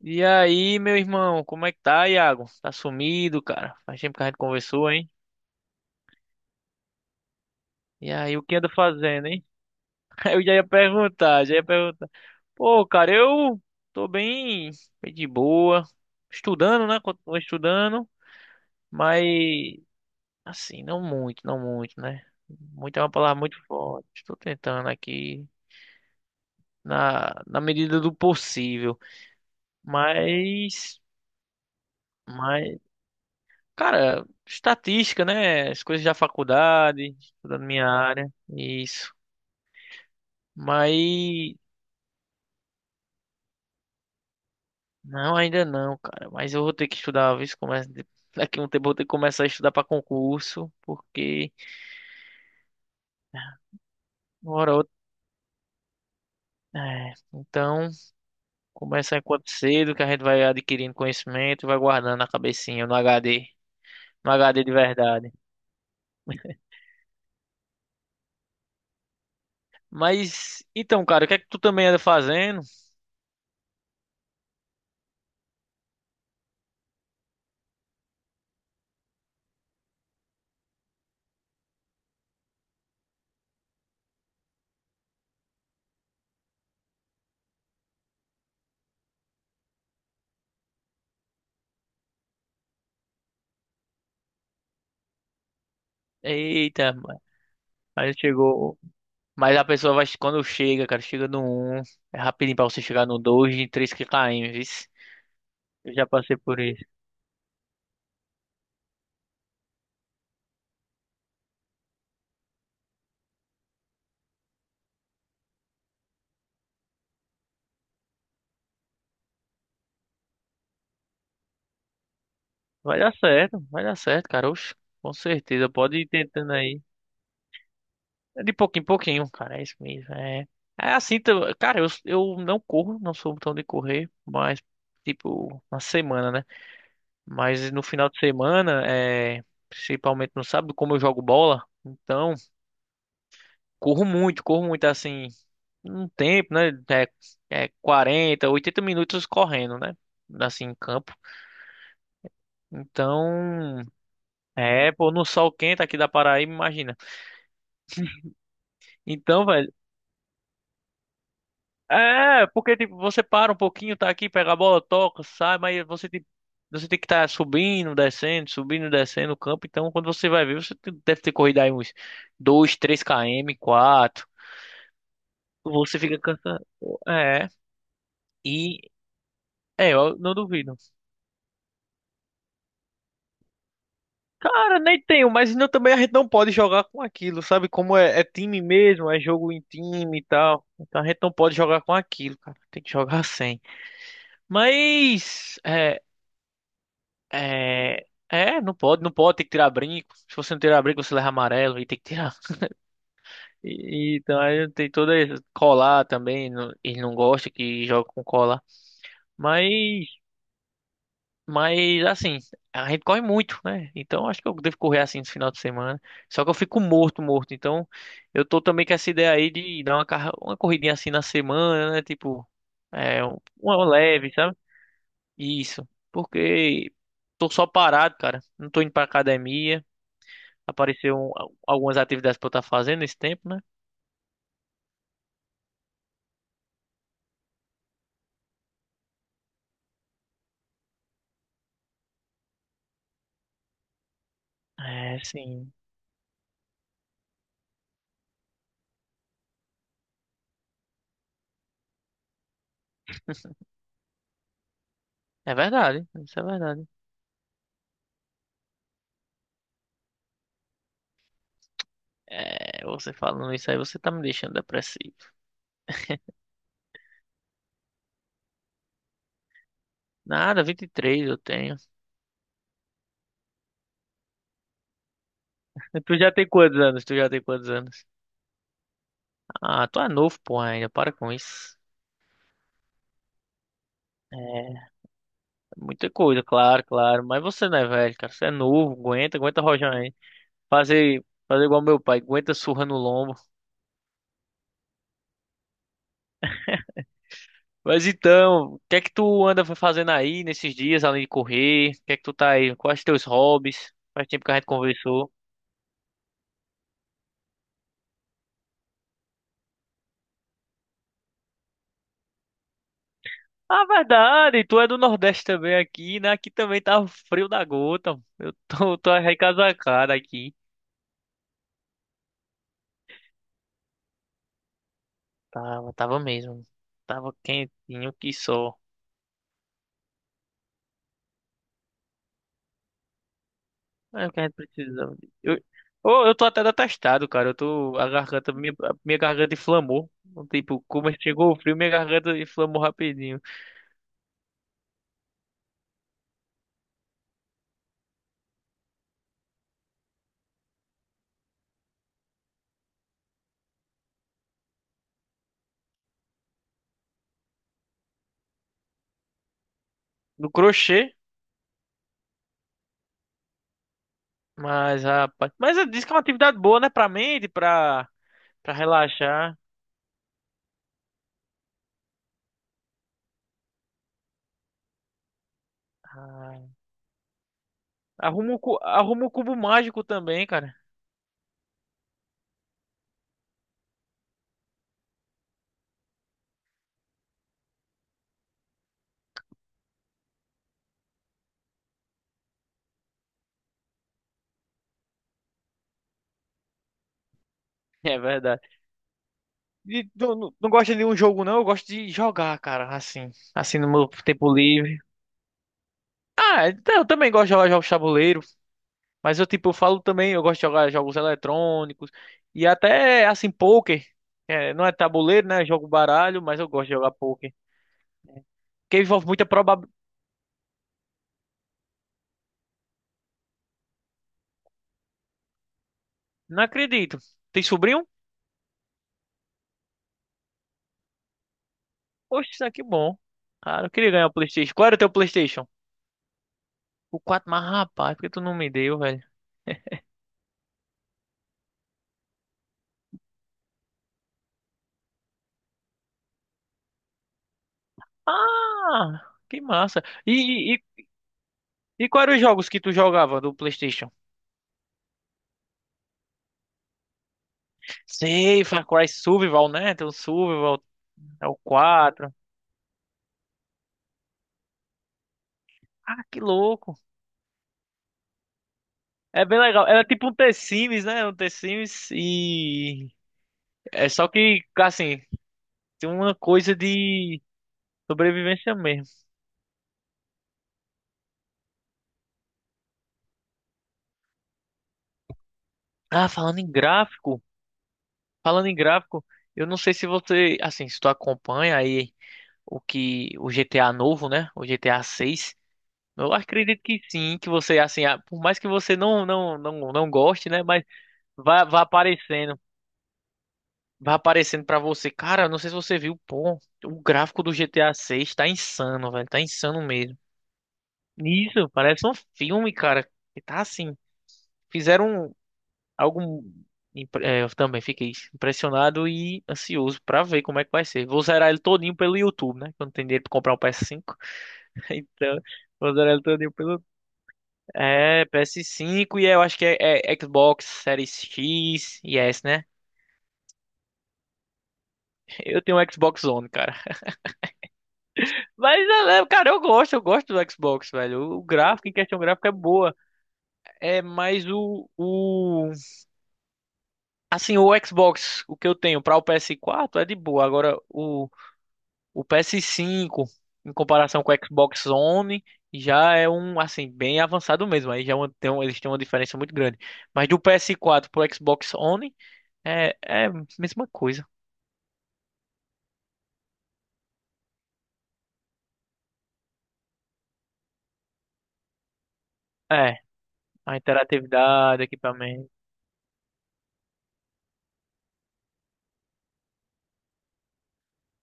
E aí, meu irmão, como é que tá, Iago? Tá sumido, cara? Faz tempo que a gente conversou, hein? E aí, o que anda fazendo, hein? Eu já ia perguntar. Pô, cara, eu tô bem, bem de boa, estudando, né? Continuo estudando, mas assim, não muito, né? Muito é uma palavra muito forte. Estou tentando aqui na medida do possível, mas, mas Cara, estatística, né? As coisas da faculdade, estudando minha área, isso. Mas não, ainda não, cara. Mas eu vou ter que estudar, viu? Se começa... Daqui a um tempo eu vou ter que começar a estudar para concurso, porque uma hora ou outra. É, então, começa enquanto cedo, que a gente vai adquirindo conhecimento e vai guardando na cabecinha, no HD, no HD de verdade. Mas, então, cara, o que é que tu também anda fazendo? Eita, mano. Aí chegou. Mas a pessoa vai, quando chega, cara, chega no um, é rapidinho pra você chegar no 2, em 3 km, vice. Eu já passei por isso. Vai dar certo, cara. Oxe, com certeza, pode ir tentando aí. É de pouquinho em pouquinho, cara, é isso mesmo. É, é assim, cara, eu não corro, não sou tão de correr, mas tipo, na semana, né? Mas no final de semana, é, principalmente no sábado, como eu jogo bola, então corro muito assim. Um tempo, né? É, é 40 80 minutos correndo, né? Assim, em campo. Então, é, pô, no sol quente aqui da Paraíba, imagina. Então, velho, é, porque tipo, você para um pouquinho, tá aqui, pega a bola, toca, sai, mas você tem que estar subindo, descendo o campo. Então, quando você vai ver, deve ter corrido aí uns 2 3 km, 4. Você fica cansado. É, e é, eu não duvido. Cara, nem tenho, mas ainda também a gente não pode jogar com aquilo, sabe? Como é, é time mesmo, é jogo em time e tal. Então a gente não pode jogar com aquilo, cara. Tem que jogar sem. Mas, é, não pode, não pode, tem que tirar brinco. Se você não tirar brinco, você leva amarelo e tem que tirar. Então aí tem toda colar também, ele não gosta que joga com colar. Mas Mas assim, a gente corre muito, né? Então acho que eu devo correr assim no final de semana. Só que eu fico morto, morto. Então eu tô também com essa ideia aí de dar uma, uma corridinha assim na semana, né? Tipo, é, uma leve, sabe? Isso. Porque tô só parado, cara. Não tô indo pra academia. Apareceu um- algumas atividades pra eu estar fazendo nesse tempo, né? É, sim. É verdade. Isso é verdade. É, você falando isso aí, você tá me deixando depressivo. Nada, 23 eu tenho. Tu já tem quantos anos? Ah, tu é novo, pô, ainda. Para com isso. É, muita coisa, claro, claro. Mas você não é velho, cara. Você é novo, aguenta, aguenta rojar aí. Fazer, fazer igual meu pai, aguenta surra no lombo. Mas então, o que é que tu anda fazendo aí nesses dias, além de correr? O que é que tu tá aí? Quais teus hobbies? Faz tempo que a gente conversou. Ah, verdade, tu é do Nordeste também aqui, né? Aqui também tá frio da gota. Eu tô, tô recasacado aqui. Tava, tava mesmo. Tava quentinho que só. É o que a gente precisava. Eu, oh, eu tô até detestado, cara. Eu tô. A garganta. Minha, a minha garganta inflamou. Tipo, como chegou o frio, minha garganta inflamou rapidinho. No crochê, mas, rapaz. Mas eu disse que é uma atividade boa, né? Pra mente, pra, pra relaxar. Ah, arruma um cubo mágico também, cara. É verdade. E tu não gosta de um jogo, não? Eu gosto de jogar, cara. Assim. Assim, no meu tempo livre. Ah, então, eu também gosto de jogar jogos de tabuleiro, mas eu tipo, eu falo também, eu gosto de jogar jogos eletrônicos e até assim poker. É, não é tabuleiro, né? Eu jogo baralho, mas eu gosto de jogar poker. Porque envolve muita probabilidade. Não acredito. Tem sobrinho? Poxa, isso aqui é bom. Cara, eu queria ganhar o PlayStation. Qual era o teu PlayStation? O 4, mas rapaz, por que tu não me deu, velho? Ah, que massa. E quais eram os jogos que tu jogava do PlayStation? Sei, Far Cry Survival, né? Tem o Survival, é o 4. Ah, que louco. É bem legal. Era tipo um The Sims, né? Um The Sims e... É só que, assim, tem uma coisa de sobrevivência mesmo. Ah, falando em gráfico, eu não sei se você, assim, se tu acompanha aí o GTA novo, né? O GTA 6. Eu acredito que sim, que você, assim, ah, por mais que você não goste, né? Mas vai aparecendo. Vai aparecendo pra você. Cara, não sei se você viu, pô, o gráfico do GTA 6 tá insano, velho. Tá insano mesmo. Isso, parece um filme, cara. E tá assim. Fizeram algo. É, eu também fiquei impressionado e ansioso pra ver como é que vai ser. Vou zerar ele todinho pelo YouTube, né? Que eu não tenho dinheiro pra comprar um PS5. Então, vou zerar ele todinho pelo. É, PS5 e eu acho que é, é Xbox Series X e S, né? Eu tenho um Xbox One, cara. Mas, cara, eu gosto do Xbox, velho. O gráfico, em questão gráfica, é boa. É, mas Assim, o Xbox, o que eu tenho para o PS4 é de boa. Agora, o PS5, em comparação com o Xbox One, já é um, assim, bem avançado mesmo. Aí já é uma- tem, um- Eles têm uma diferença muito grande. Mas do PS4 pro Xbox One, é a mesma coisa. É, a interatividade, equipamento...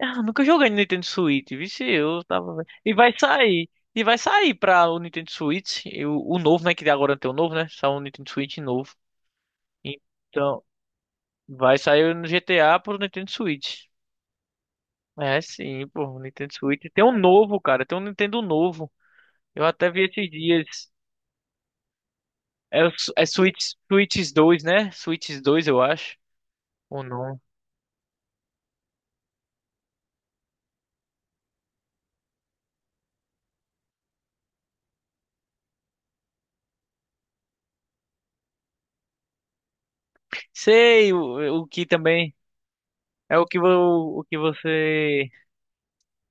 Ah, nunca joguei no Nintendo Switch, vixe, eu tava. E vai sair. E vai sair pra o Nintendo Switch. O novo, né? Que agora tem o novo, né? Só um Nintendo Switch novo. Então, vai sair no GTA pro Nintendo Switch. É, sim, pô, o Nintendo Switch. Tem um novo, cara. Tem um Nintendo novo. Eu até vi esses dias. É, é Switch, Switch 2 né? Switch 2 eu acho. Ou não. Sei, o que também. O que você.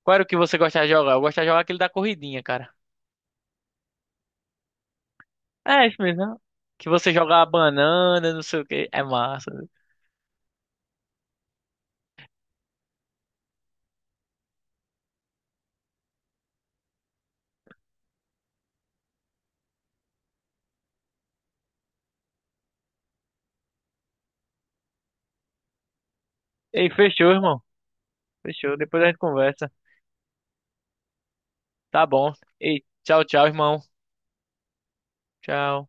Qual era o que você gostava de jogar? Eu gostava de jogar aquele da corridinha, cara. É isso mesmo. Que você jogar a banana, não sei o que, é massa. Ei, fechou, irmão. Fechou. Depois a gente conversa. Tá bom. Ei, tchau, tchau, irmão. Tchau.